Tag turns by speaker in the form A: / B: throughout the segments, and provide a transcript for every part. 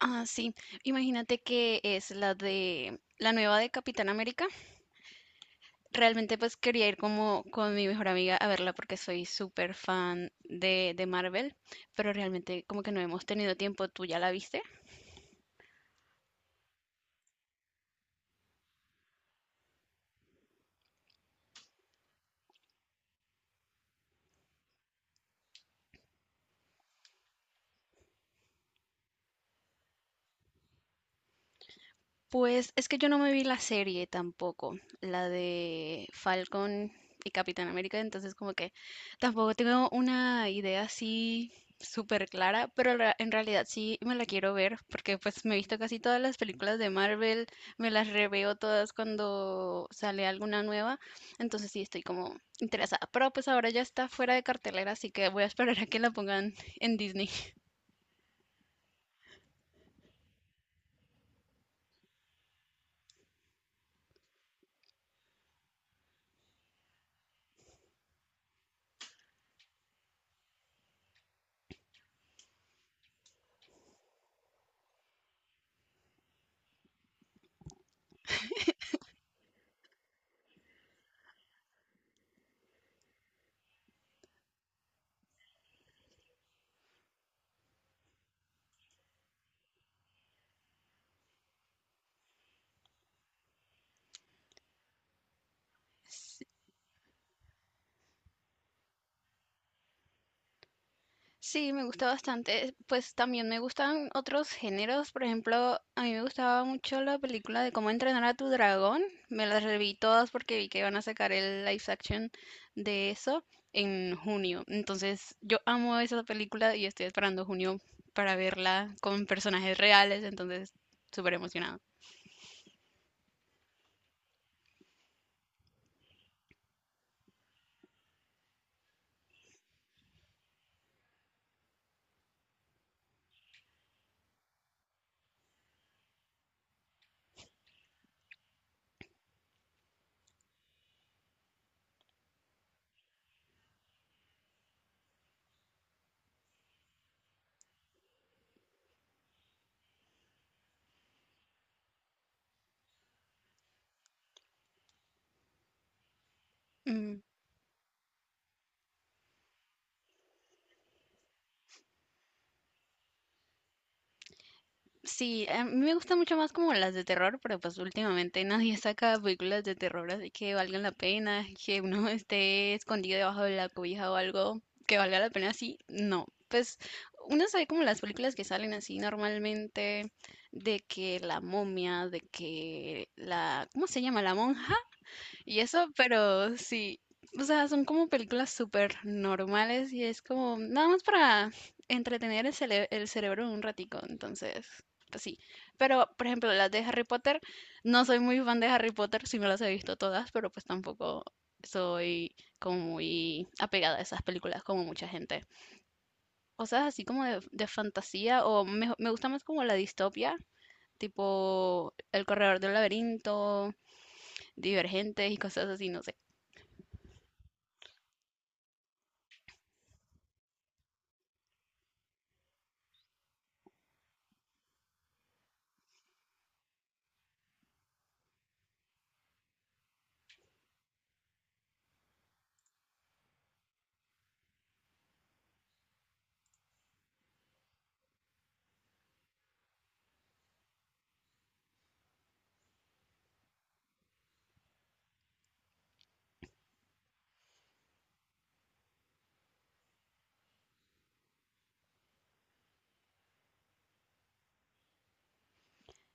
A: Ah, sí. Imagínate que es la de la nueva de Capitán América. Realmente pues quería ir como con mi mejor amiga a verla porque soy súper fan de Marvel, pero realmente como que no hemos tenido tiempo. ¿Tú ya la viste? Pues es que yo no me vi la serie tampoco, la de Falcon y Capitán América, entonces como que tampoco tengo una idea así súper clara, pero en realidad sí me la quiero ver porque pues me he visto casi todas las películas de Marvel, me las reveo todas cuando sale alguna nueva, entonces sí estoy como interesada, pero pues ahora ya está fuera de cartelera, así que voy a esperar a que la pongan en Disney. Sí, me gusta bastante. Pues también me gustan otros géneros. Por ejemplo, a mí me gustaba mucho la película de Cómo entrenar a tu dragón. Me las reví todas porque vi que iban a sacar el live action de eso en junio. Entonces, yo amo esa película y estoy esperando junio para verla con personajes reales. Entonces, súper emocionado. Sí, a mí me gustan mucho más como las de terror, pero pues últimamente nadie saca películas de terror, así que valgan la pena, que uno esté escondido debajo de la cobija o algo que valga la pena, sí, no. Pues uno sabe como las películas que salen así normalmente, de que la momia, de que la, ¿cómo se llama? La monja y eso, pero sí, o sea, son como películas súper normales y es como nada más para entretener el, el cerebro un ratico, entonces, pues sí. Pero, por ejemplo, las de Harry Potter, no soy muy fan de Harry Potter, sí me las he visto todas, pero pues tampoco soy como muy apegada a esas películas como mucha gente. Cosas así como de fantasía o me gusta más como la distopia, tipo El Corredor del Laberinto, Divergentes y cosas así, no sé.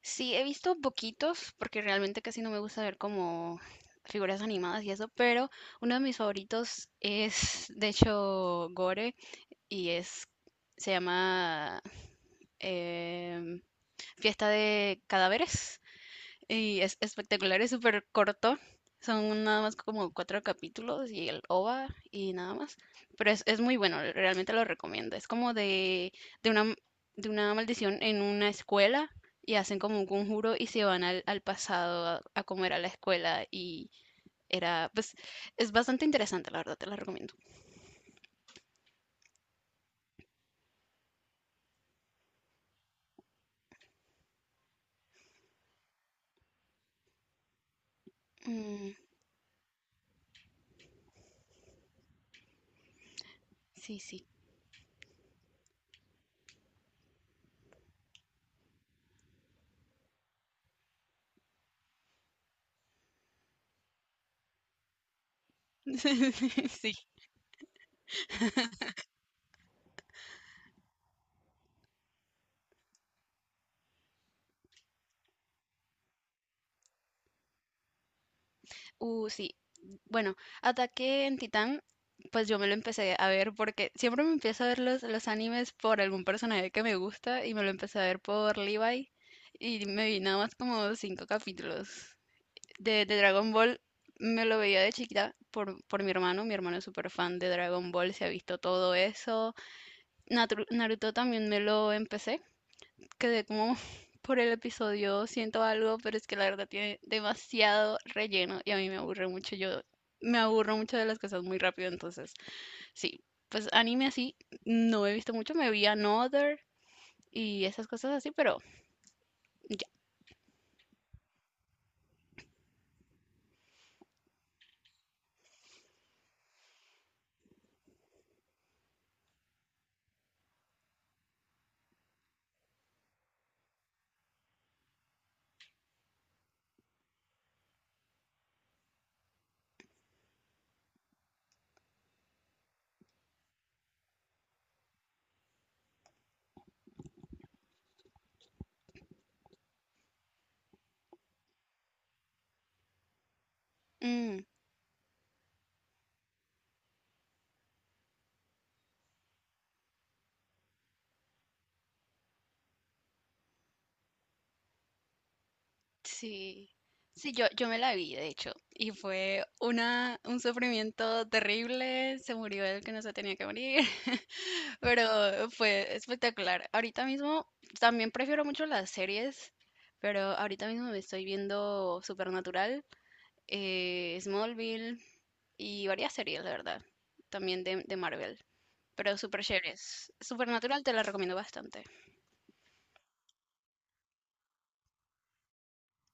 A: Sí, he visto poquitos, porque realmente casi no me gusta ver como figuras animadas y eso, pero uno de mis favoritos es, de hecho, Gore, y es, se llama em, Fiesta de Cadáveres. Y es espectacular, es súper corto. Son nada más como cuatro capítulos y el OVA y nada más. Pero es muy bueno, realmente lo recomiendo. Es como de una, de una maldición en una escuela y hacen como un conjuro y se van al pasado a comer a la escuela y era, pues, es bastante interesante, la verdad, te lo recomiendo. Mm, sí, sí. Sí. Sí. Bueno, Ataque en Titán, pues yo me lo empecé a ver porque siempre me empiezo a ver los animes por algún personaje que me gusta y me lo empecé a ver por Levi y me vi nada más como cinco capítulos. De Dragon Ball me lo veía de chiquita por mi hermano es súper fan de Dragon Ball, se ha visto todo eso. Naruto también me lo empecé quedé como por el episodio, siento algo, pero es que la verdad tiene demasiado relleno y a mí me aburre mucho. Yo me aburro mucho de las cosas muy rápido, entonces sí, pues anime así, no he visto mucho, me vi Another y esas cosas así, pero ya. Mm, sí, sí, yo me la vi, de hecho, y fue un sufrimiento terrible, se murió el que no se tenía que morir. Pero fue espectacular. Ahorita mismo también prefiero mucho las series, pero ahorita mismo me estoy viendo Supernatural, Smallville y varias series, la verdad. También de Marvel, pero super chéveres. Supernatural te la recomiendo bastante.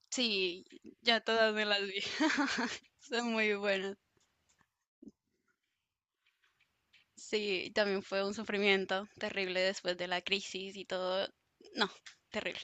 A: Sí, ya todas me las vi. Son muy buenas. Sí, y también fue un sufrimiento terrible después de la crisis y todo. No, terrible.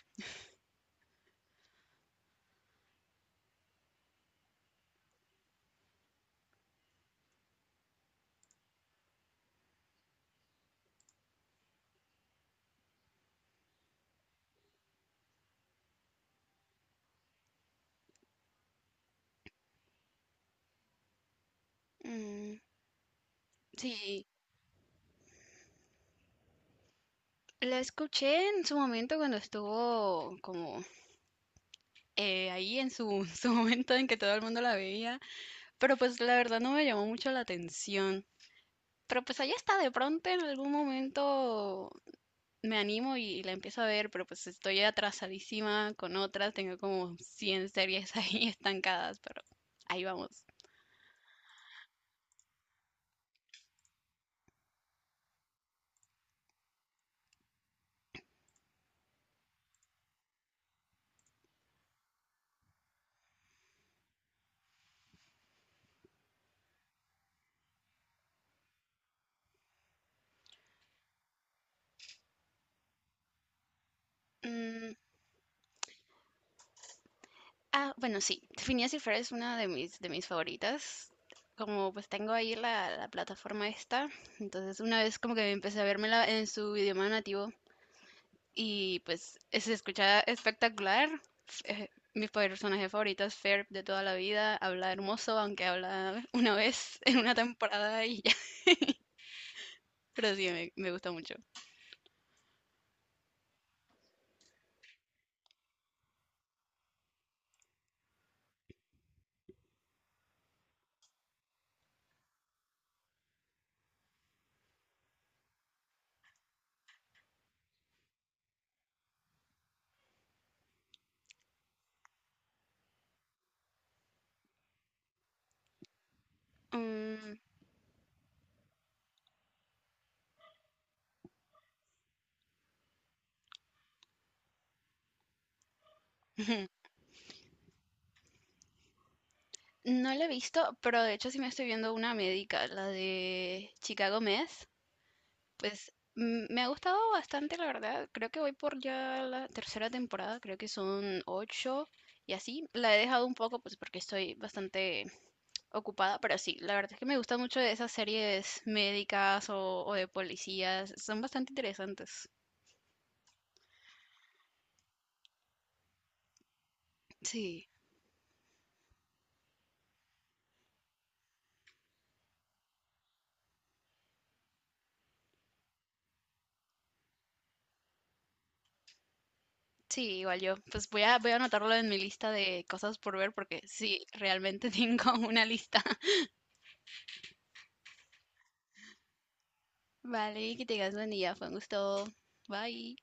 A: Mm, sí. La escuché en su momento cuando estuvo como ahí en su, su momento en que todo el mundo la veía, pero pues la verdad no me llamó mucho la atención. Pero pues ahí está, de pronto en algún momento me animo y la empiezo a ver, pero pues estoy atrasadísima con otras, tengo como 100 series ahí estancadas, pero ahí vamos. Mm. Ah, bueno, sí, Phineas y Ferb es una de mis favoritas. Como pues tengo ahí la plataforma esta, entonces una vez como que empecé a vérmela en su idioma nativo y pues se escuchaba espectacular. Eh, Mi personaje favorito es Ferb de toda la vida, habla hermoso, aunque habla una vez en una temporada y ya, pero sí, me gusta mucho. Mm, no la he visto, pero de hecho sí me estoy viendo una médica, la de Chicago Med. Pues me ha gustado bastante, la verdad. Creo que voy por ya la tercera temporada, creo que son ocho y así. La he dejado un poco, pues porque estoy bastante ocupada, pero sí, la verdad es que me gusta mucho de esas series médicas o de policías. Son bastante interesantes. Sí, sí, igual yo. Pues voy a anotarlo en mi lista de cosas por ver porque sí, realmente tengo una lista. Vale, que tengas buen día, fue un gusto. Bye.